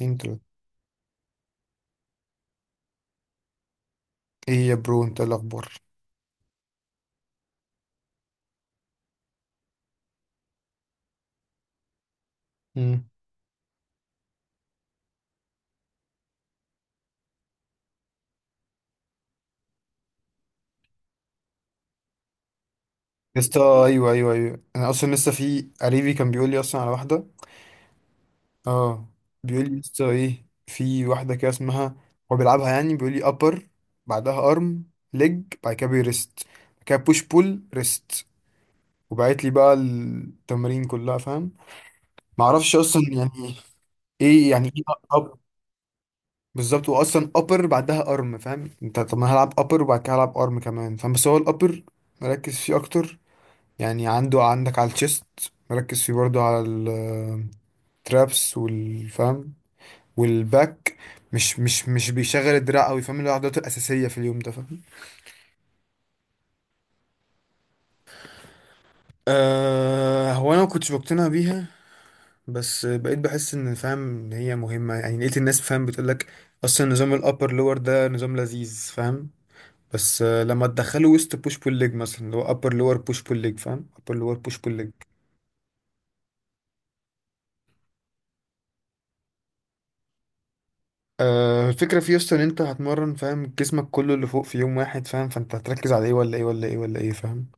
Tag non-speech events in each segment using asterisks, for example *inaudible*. انت انت إيه الاخبار؟ مم. يا اسطى، ايوه ايوه ايوه، انا اصلا لسه في قريبي كان بيقول لي اصلا على واحده. اه. بيقول لي لسه ايه، في واحده كده اسمها، هو بيلعبها يعني. بيقول لي ابر، بعدها ارم، ليج، بعد كده بيرست، بعد كده بوش بول ريست. وبعت لي بقى التمارين كلها، فاهم؟ ما اعرفش اصلا يعني ايه يعني ايه. اب. بالظبط، هو اصلا ابر بعدها ارم، فاهم انت؟ طب ما هلعب ابر وبعد كده هلعب ارم كمان، فاهم؟ بس هو الابر مركز فيه اكتر، يعني عندك على الشيست، مركز فيه برضو على الترابس والفم والباك، مش بيشغل الدراع قوي، فاهم؟ اللي هو عضلاته الاساسيه في اليوم ده، فاهم؟ أه، هو انا ما كنتش بقتنع بيها، بس بقيت بحس ان، فاهم، ان هي مهمه، يعني لقيت الناس، فاهم، بتقول لك اصلا نظام الابر لور ده نظام لذيذ، فاهم؟ بس لما تدخله وسط بوش بول ليج مثلا، اللي هو ابر لور بوش بول ليج، فاهم؟ ابر لور بوش بول ليج. الفكرة في يسطا ان انت هتمرن، فاهم، جسمك كله اللي فوق في يوم واحد، فاهم؟ فانت هتركز على ايه ولا ايه ولا ايه ولا ايه، فاهم؟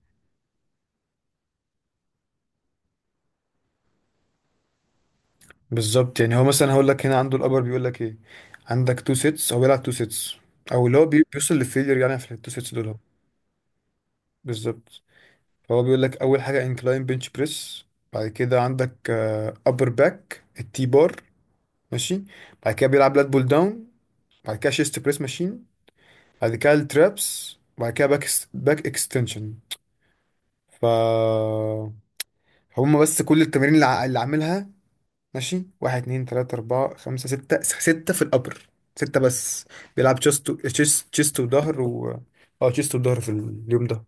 بالظبط. يعني هو مثلا هقول لك هنا عنده الابر، بيقول لك ايه، عندك تو سيتس. هو بيلعب تو سيتس او اللي هو بيوصل للفيلير، يعني في التو سيتس دول اهو. بالظبط. فهو بيقول لك اول حاجة انكلاين بنش بريس، بعد كده عندك ابر باك التي بار، ماشي، بعد كده بيلعب لات بول داون، بعد كده شيست بريس ماشين، بعد كده الترابس، بعد كده باك اكستنشن. ف هما بس كل التمارين اللي اللي عاملها، ماشي. واحد، اتنين، تلاتة، أربعة، خمسة، ستة، ستة في الأبر، ستة بس. بيلعب تشيست تشيست تشيست وظهر و... اه، تشيست وظهر في اليوم ده.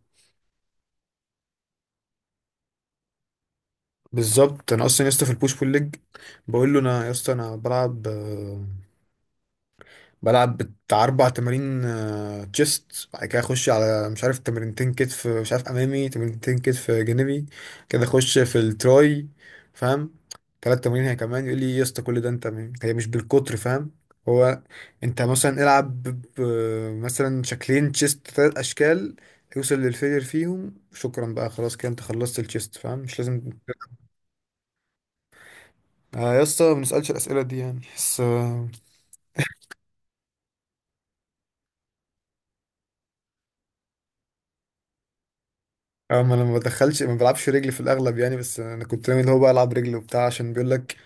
بالظبط. أنا أصلا يا اسطى في البوش بول ليج بقول له أنا، يا اسطى أنا بلعب بتاع أربع تمارين، تشيست، بعد كده أخش على مش عارف تمرينتين كتف مش عارف أمامي، تمرينتين كتف جانبي، كده أخش في التراي، فاهم؟ تلات تمارين، هي كمان. يقول لي إيه يا اسطى كل ده، أنت هي مش بالكتر، فاهم؟ هو أنت مثلا العب مثلا شكلين تشيست، تلات أشكال، يوصل للفيلير فيهم، شكرا بقى، خلاص كده أنت خلصت التشيست، فاهم؟ مش لازم. يا اسطى ما بنسألش الأسئلة دي يعني، بس اه، ما انا ما بدخلش، ما بلعبش رجلي في الاغلب يعني، بس انا كنت ناوي اللي هو بقى العب رجلي وبتاع، عشان بيقول لك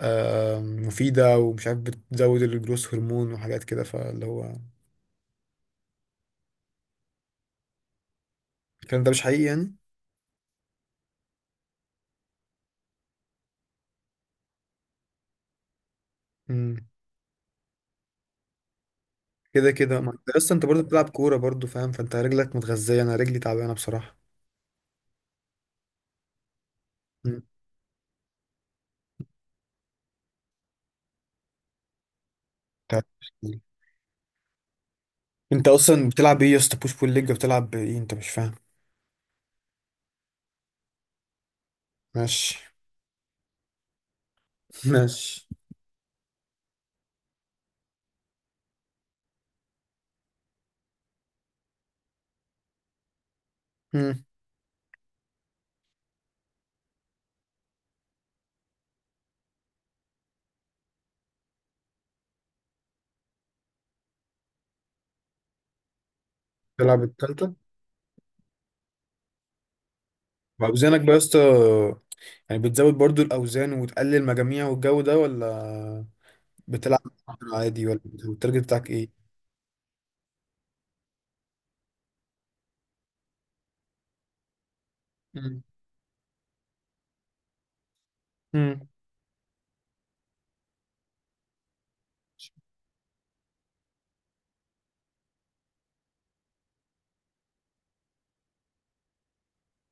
مفيده ومش عارف بتزود الجروس هرمون وحاجات كده، فاللي هو الكلام ده مش حقيقي يعني. امم. كده كده، ما انت اصلا، انت برضه بتلعب كوره برضه، فاهم؟ فانت رجلك متغذيه، انا رجلي تعبانه بصراحه. مم. طب. انت اصلا بتلعب ايه يا اسطى؟ بوش بول ليج؟ بتلعب ايه انت مش فاهم؟ ماشي. *laughs* ماشي. مم. تلعب التالتة. واوزانك بقى يا اسطى، يعني بتزود برضو الاوزان وتقلل مجاميع والجو ده، ولا بتلعب عادي ولا التارجت بتاعك ايه؟ مم. مم.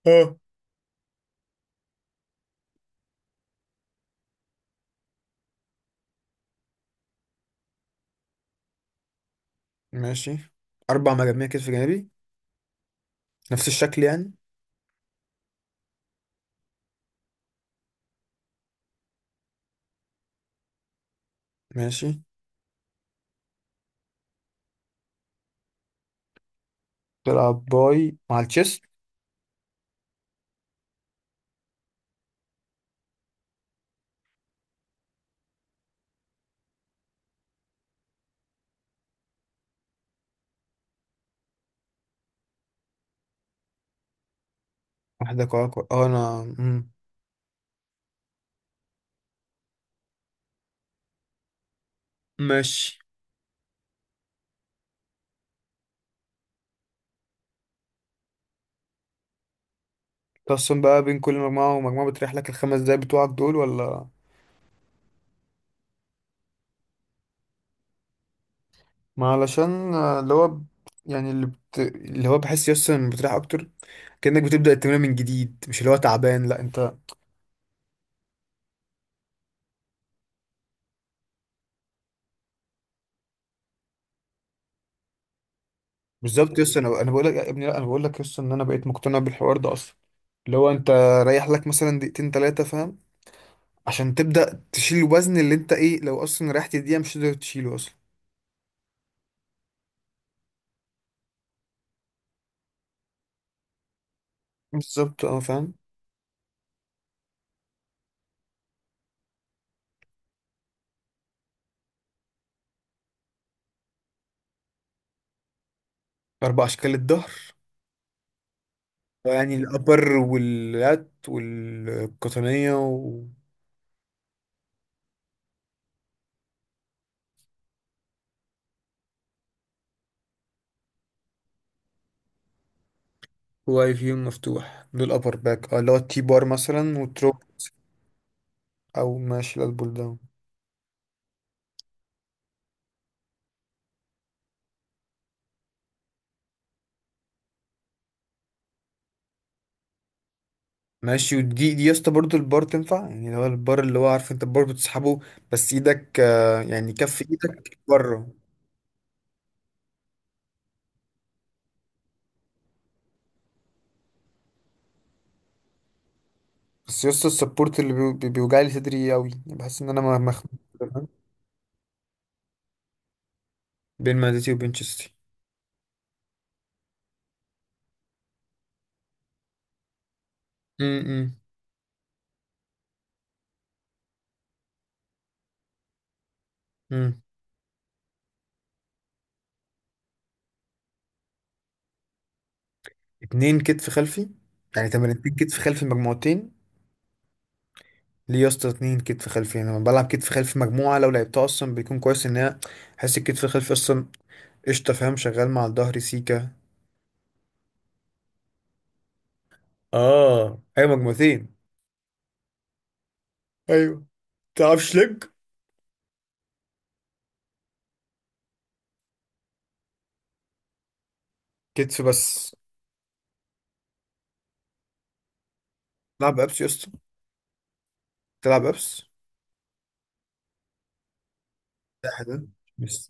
اه. ماشي. اربع مجاميع كتف جانبي؟ نفس الشكل يعني؟ ماشي. تلعب باي مع التشيست؟ واحدة كوع كوع، اه، انا مم. ماشي. تقسم بقى بين كل مجموعة ومجموعة، بتريح لك الخمس دقايق بتوعك دول ولا؟ ما علشان اللي هو يعني اللي اللي هو بحس يسطا ان بتريح اكتر، كأنك بتبدأ التمرين من جديد، مش اللي هو تعبان لا انت. بالظبط يسطا، انا بقول لك يا ابني، لا انا بقول لك يسطا ان انا بقيت مقتنع بالحوار ده اصلا. لو انت رايح لك مثلا دقيقتين تلاتة، فاهم، عشان تبدأ تشيل الوزن، اللي انت ايه، لو اصلا ريحت دقيقة مش تقدر تشيله اصلا. بالظبط. اه، فاهم. اربع اشكال الظهر؟ يعني الابر واللات والقطنية؟ وواي فيو مفتوح دول ابر باك، اه، اللي هو التي بار مثلا وتروب، او ماشي، لا البول داون. ماشي. ودي يا اسطى برضه البار تنفع، يعني اللي هو البار، اللي هو عارف انت البار بتسحبه، بس ايدك يعني كف ايدك بره؟ بس يا اسطى السبورت اللي بيوجع لي صدري قوي، بحس ان انا مخنوق. كده، فاهم؟ بين معدتي وبين شستي. امم. امم. اتنين كتف خلفي، يعني تمرينتين كتف خلفي مجموعتين؟ ليه يا اسطى اتنين كتف خلفي؟ انا لما بلعب كتف خلفي مجموعه لو لعبتها اصلا بيكون كويس، ان هي احس الكتف الخلفي اصلا قشطه، فاهم، شغال مع الظهر سيكا. اه، ايوه مجموعتين. ايوه. تلعبش لج؟ كتف بس؟ تلعب ابس يا اسطى؟ تلعب ابس؟ ده حلو بس.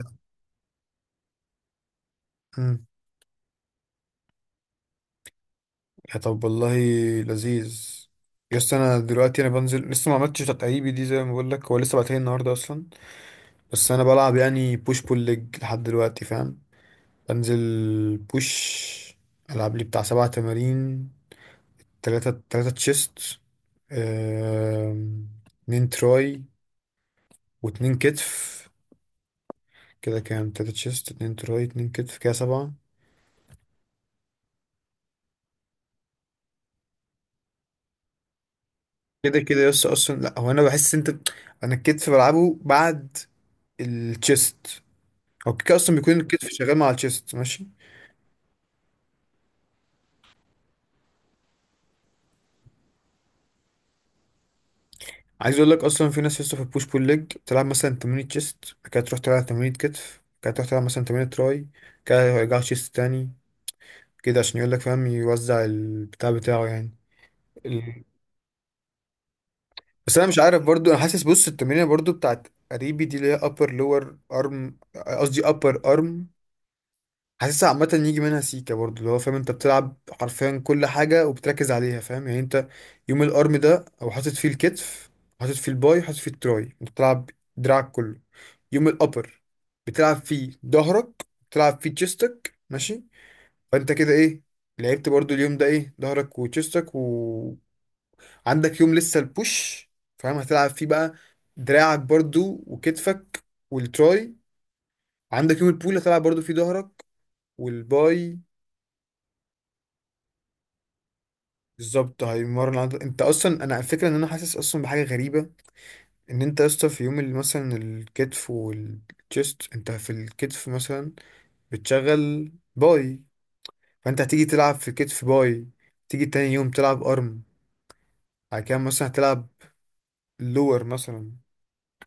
يا طب والله، لذيذ. يا اسطى انا دلوقتي، انا بنزل لسه ما عملتش تدريبي دي، زي ما بقول لك هو لسه بعتها النهارده اصلا، بس انا بلعب يعني بوش بول ليج لحد دلوقتي، فاهم؟ بنزل بوش، العب لي بتاع سبع تمارين، تلاتة تشيست، اتنين تراي، واتنين كتف. كده كام؟ تلاتة تشيست، اتنين تراي، اتنين كتف، كده سبعة. كده كده يس اصلا. لا هو انا بحس انت، انا الكتف بلعبه بعد التشيست، هو كده اصلا بيكون الكتف شغال مع الشيست، ماشي. عايز اقول لك اصلا، في ناس لسه في البوش بول ليج تلعب مثلا تمرين تشيست بعد كده تروح تلعب تمرين كتف بعد كده تروح تلعب مثلا تمرين تراي، كده يرجع تشيست تاني، كده عشان يقول لك، فاهم، يوزع البتاع بتاعه يعني. ال... بس انا مش عارف برضو، انا حاسس، بص، التمرين برضو بتاعت قريبي دي اللي هي upper lower arm، قصدي upper arm، حاسس عامة يجي منها سيكا برضو، اللي هو فاهم انت بتلعب حرفيا كل حاجة وبتركز عليها، فاهم؟ يعني انت يوم الارم ده او حاطط فيه الكتف، حاطط فيه الباي، حاطط فيه التراي، انت بتلعب دراعك كله. يوم الابر بتلعب فيه ظهرك، بتلعب فيه تشيستك، ماشي؟ فانت كده ايه، لعبت برضو اليوم ده ايه، ظهرك وتشيستك، وعندك يوم لسه البوش، فاهم، هتلعب فيه بقى دراعك برضو وكتفك والتراي. عندك يوم البول هتلعب برضو فيه ظهرك والباي. بالظبط، هيمرن عضل انت اصلا. انا الفكره ان انا حاسس اصلا بحاجه غريبه، ان انت يا اسطى في يوم اللي مثلا الكتف والتشيست، انت في الكتف مثلا بتشغل باي، فانت هتيجي تلعب في الكتف باي، تيجي تاني يوم تلعب ارم، بعد كده مثلا هتلعب لور مثلا،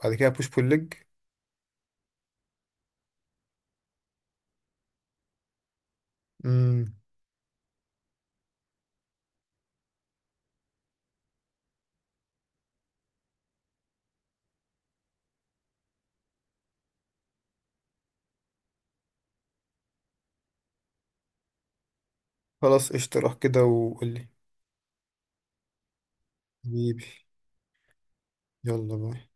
بعد كده بوش بول ليج. امم. خلاص قشطة، روح كده وقولي. حبيبي. يلا باي.